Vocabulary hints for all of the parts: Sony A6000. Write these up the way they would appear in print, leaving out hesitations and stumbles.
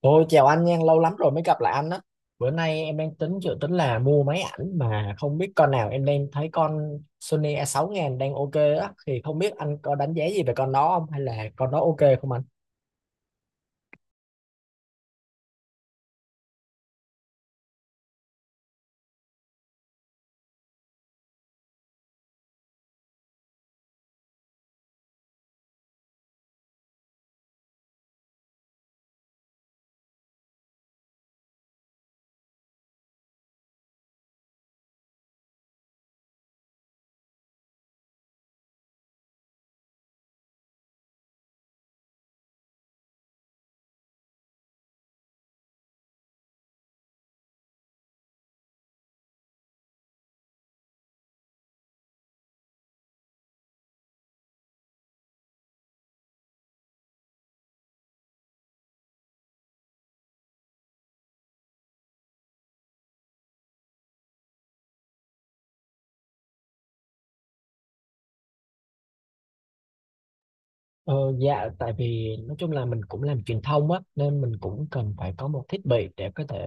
Tôi chào anh nha, lâu lắm rồi mới gặp lại anh á. Bữa nay em đang tính dự tính là mua máy ảnh mà không biết con nào, em đang thấy con Sony A6000 đang ok á, thì không biết anh có đánh giá gì về con đó không, hay là con đó ok không? Ờ, dạ tại vì nói chung là mình cũng làm truyền thông á, nên mình cũng cần phải có một thiết bị để có thể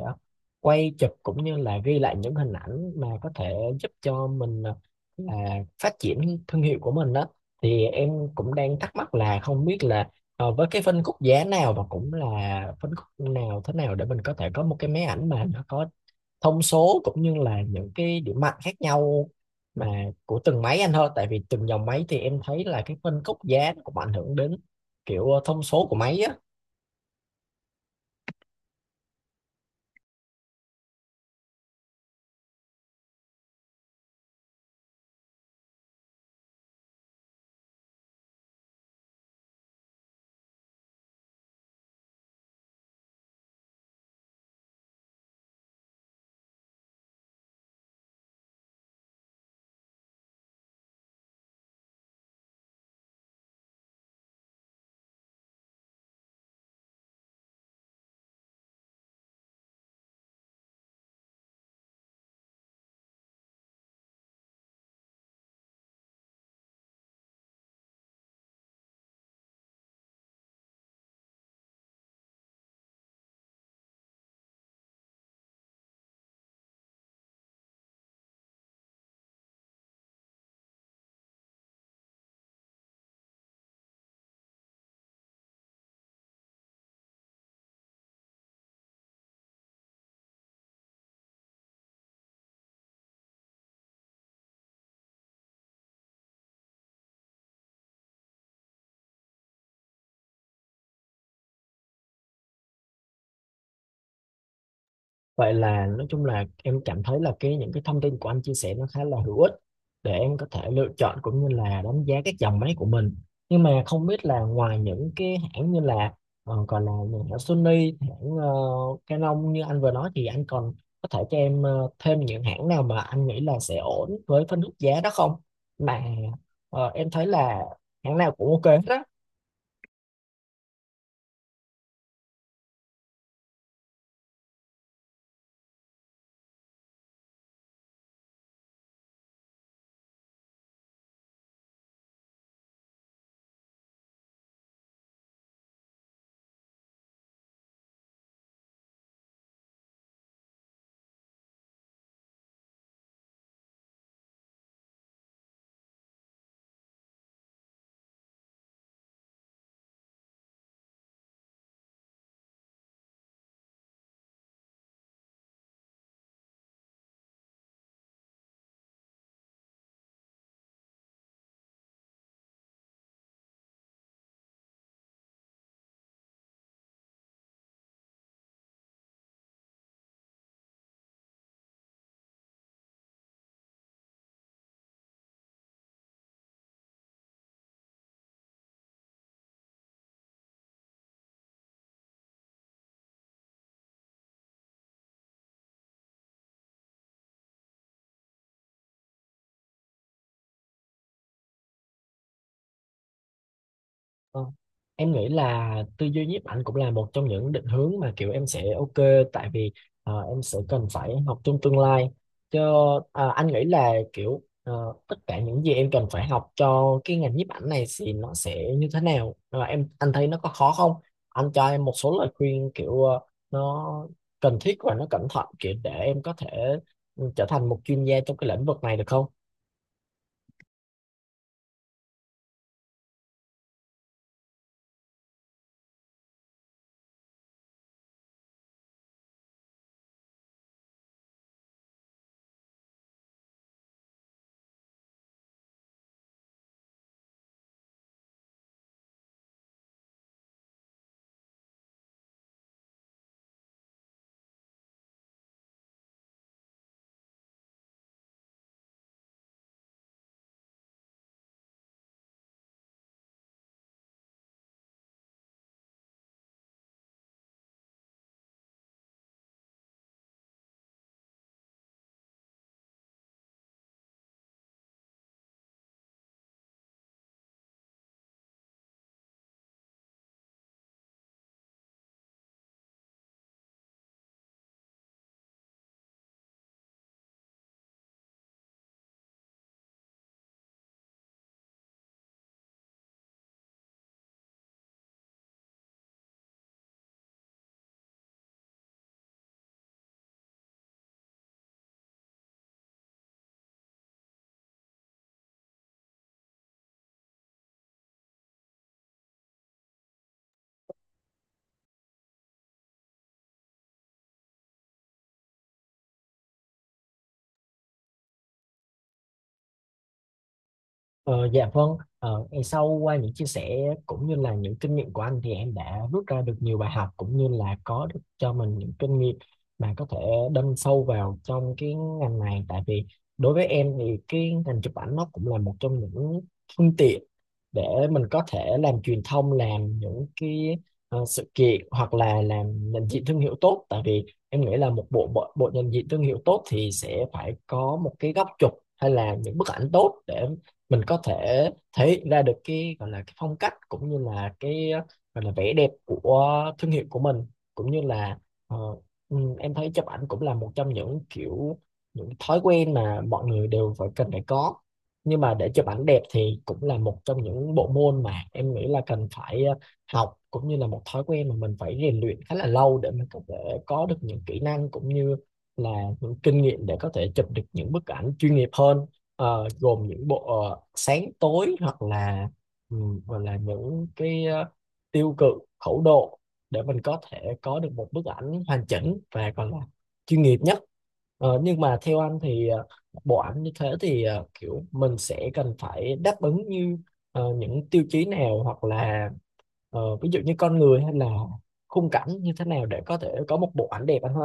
quay chụp cũng như là ghi lại những hình ảnh mà có thể giúp cho mình à, phát triển thương hiệu của mình đó. Thì em cũng đang thắc mắc là không biết là với cái phân khúc giá nào, và cũng là phân khúc nào, thế nào để mình có thể có một cái máy ảnh mà nó có thông số cũng như là những cái điểm mạnh khác nhau mà của từng máy anh, thôi tại vì từng dòng máy thì em thấy là cái phân khúc giá nó cũng ảnh hưởng đến kiểu thông số của máy á. Vậy là nói chung là em cảm thấy là cái những cái thông tin của anh chia sẻ nó khá là hữu ích để em có thể lựa chọn cũng như là đánh giá các dòng máy của mình. Nhưng mà không biết là ngoài những cái hãng như là còn là những hãng Sony, hãng Canon như anh vừa nói, thì anh còn có thể cho em thêm những hãng nào mà anh nghĩ là sẽ ổn với phân khúc giá đó không? Mà em thấy là hãng nào cũng ok hết á. Ờ, em nghĩ là tư duy nhiếp ảnh cũng là một trong những định hướng mà kiểu em sẽ ok, tại vì em sẽ cần phải học trong tương lai cho anh nghĩ là kiểu tất cả những gì em cần phải học cho cái ngành nhiếp ảnh này thì nó sẽ như thế nào. Ờ, em anh thấy nó có khó không, anh cho em một số lời khuyên kiểu nó cần thiết và nó cẩn thận kiểu để em có thể ừ, trở thành một chuyên gia trong cái lĩnh vực này được không? Ờ, dạ vâng, ngày sau qua những chia sẻ cũng như là những kinh nghiệm của anh thì em đã rút ra được nhiều bài học cũng như là có được cho mình những kinh nghiệm mà có thể đâm sâu vào trong cái ngành này, tại vì đối với em thì cái ngành chụp ảnh nó cũng là một trong những phương tiện để mình có thể làm truyền thông, làm những cái sự kiện, hoặc là làm nhận diện thương hiệu tốt, tại vì em nghĩ là một bộ bộ, bộ nhận diện thương hiệu tốt thì sẽ phải có một cái góc chụp hay là những bức ảnh tốt để mình có thể thể hiện ra được cái gọi là cái phong cách cũng như là cái gọi là vẻ đẹp của thương hiệu của mình, cũng như là ờ, ừ, em thấy chụp ảnh cũng là một trong những kiểu những thói quen mà mọi người đều phải cần phải có. Nhưng mà để chụp ảnh đẹp thì cũng là một trong những bộ môn mà em nghĩ là cần phải học, cũng như là một thói quen mà mình phải rèn luyện khá là lâu để mình có thể có được những kỹ năng cũng như là những kinh nghiệm để có thể chụp được những bức ảnh chuyên nghiệp hơn. Ờ, gồm những bộ sáng tối, hoặc là những cái tiêu cự, khẩu độ để mình có thể có được một bức ảnh hoàn chỉnh và còn là chuyên nghiệp nhất. Ờ, nhưng mà theo anh thì bộ ảnh như thế thì kiểu mình sẽ cần phải đáp ứng như những tiêu chí nào, hoặc là ví dụ như con người hay là khung cảnh như thế nào để có thể có một bộ ảnh đẹp anh ha?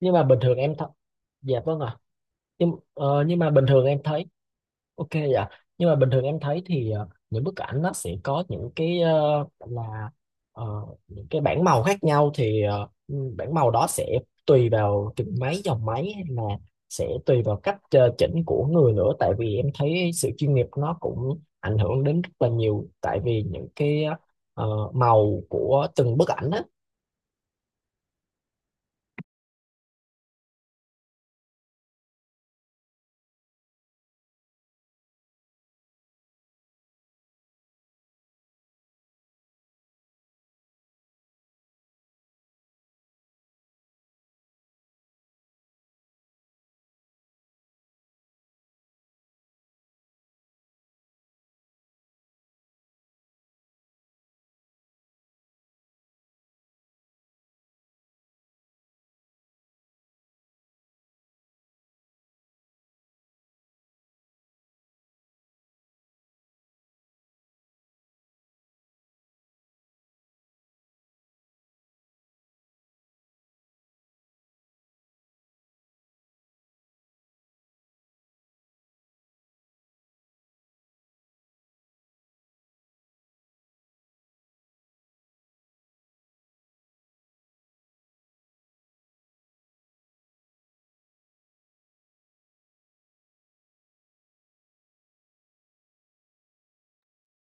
Nhưng mà bình thường em th- Dạ vâng ạ. Nhưng mà bình thường em thấy, ok dạ. Nhưng mà bình thường em thấy thì những bức ảnh nó sẽ có những cái gọi là ờ, những cái bảng màu khác nhau. Thì ừ, bảng màu đó sẽ tùy vào từng máy dòng máy, hay là sẽ tùy vào cách chỉnh của người nữa, tại vì em thấy sự chuyên nghiệp nó cũng ảnh hưởng đến rất là nhiều, tại vì những cái ờ, màu của từng bức ảnh á.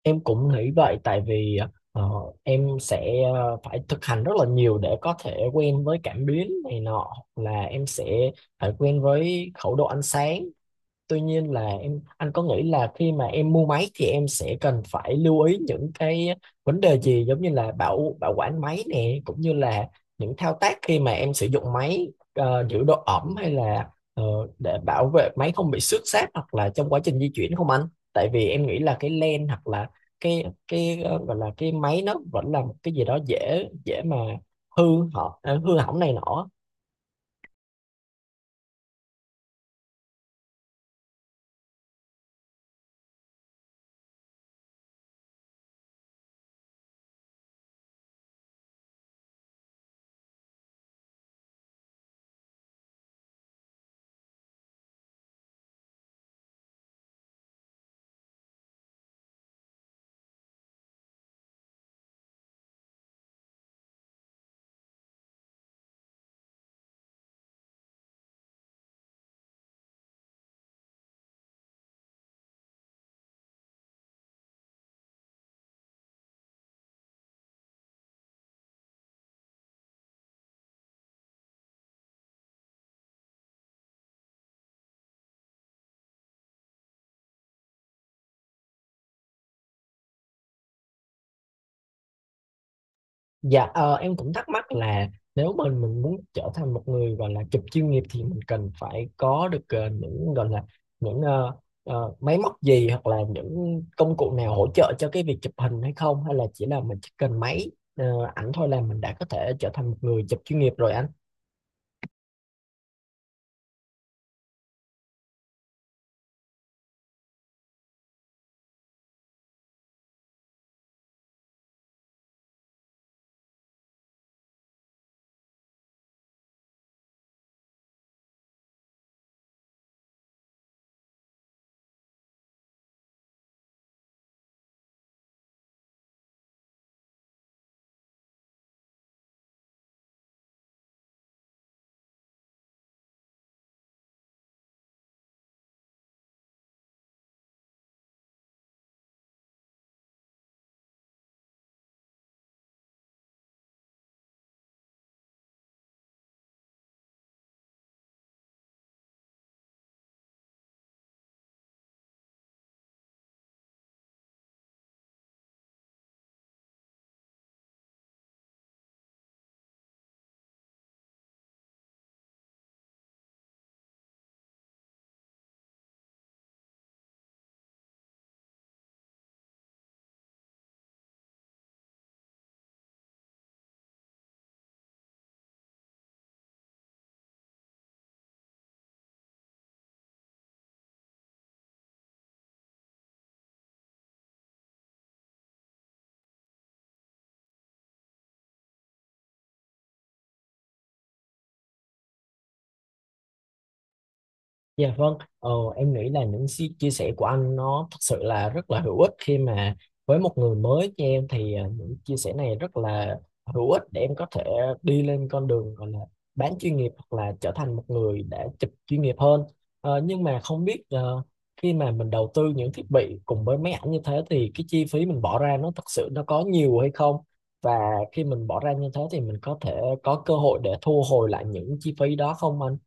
Em cũng nghĩ vậy, tại vì ờ, em sẽ phải thực hành rất là nhiều để có thể quen với cảm biến này nọ, hoặc là em sẽ phải quen với khẩu độ ánh sáng. Tuy nhiên là em anh có nghĩ là khi mà em mua máy thì em sẽ cần phải lưu ý những cái vấn đề gì, giống như là bảo bảo quản máy nè, cũng như là những thao tác khi mà em sử dụng máy, giữ độ ẩm, hay là để bảo vệ máy không bị xước xát hoặc là trong quá trình di chuyển không anh? Tại vì em nghĩ là cái len, hoặc là cái gọi là cái máy, nó vẫn là một cái gì đó dễ dễ mà hư, họ hư hỏng này nọ. Dạ em cũng thắc mắc là nếu mình muốn trở thành một người gọi là chụp chuyên nghiệp, thì mình cần phải có được những gọi là những máy móc gì, hoặc là những công cụ nào hỗ trợ cho cái việc chụp hình hay không, hay là chỉ là mình chỉ cần máy ờ, ảnh thôi là mình đã có thể trở thành một người chụp chuyên nghiệp rồi anh? Dạ vâng, em nghĩ là những chia sẻ của anh nó thật sự là rất là hữu ích, khi mà với một người mới như em thì những chia sẻ này rất là hữu ích để em có thể đi lên con đường gọi là bán chuyên nghiệp, hoặc là trở thành một người đã chụp chuyên nghiệp hơn. Ờ, nhưng mà không biết khi mà mình đầu tư những thiết bị cùng với máy ảnh như thế thì cái chi phí mình bỏ ra nó thật sự nó có nhiều hay không? Và khi mình bỏ ra như thế thì mình có thể có cơ hội để thu hồi lại những chi phí đó không anh?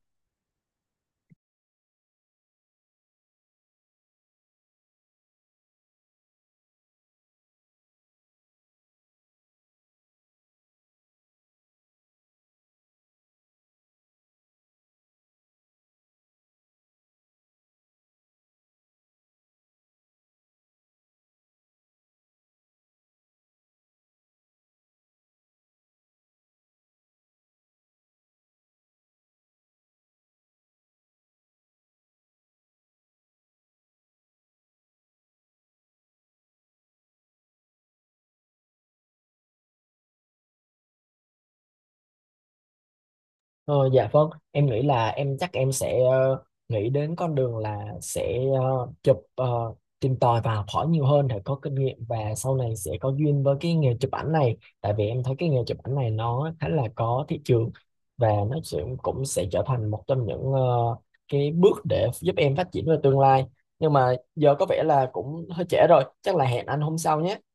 Ờ, dạ vâng, em nghĩ là em chắc em sẽ nghĩ đến con đường là sẽ chụp tìm tòi và học hỏi nhiều hơn để có kinh nghiệm, và sau này sẽ có duyên với cái nghề chụp ảnh này. Tại vì em thấy cái nghề chụp ảnh này nó khá là có thị trường, và nó sẽ cũng sẽ trở thành một trong những cái bước để giúp em phát triển về tương lai. Nhưng mà giờ có vẻ là cũng hơi trễ rồi, chắc là hẹn anh hôm sau nhé.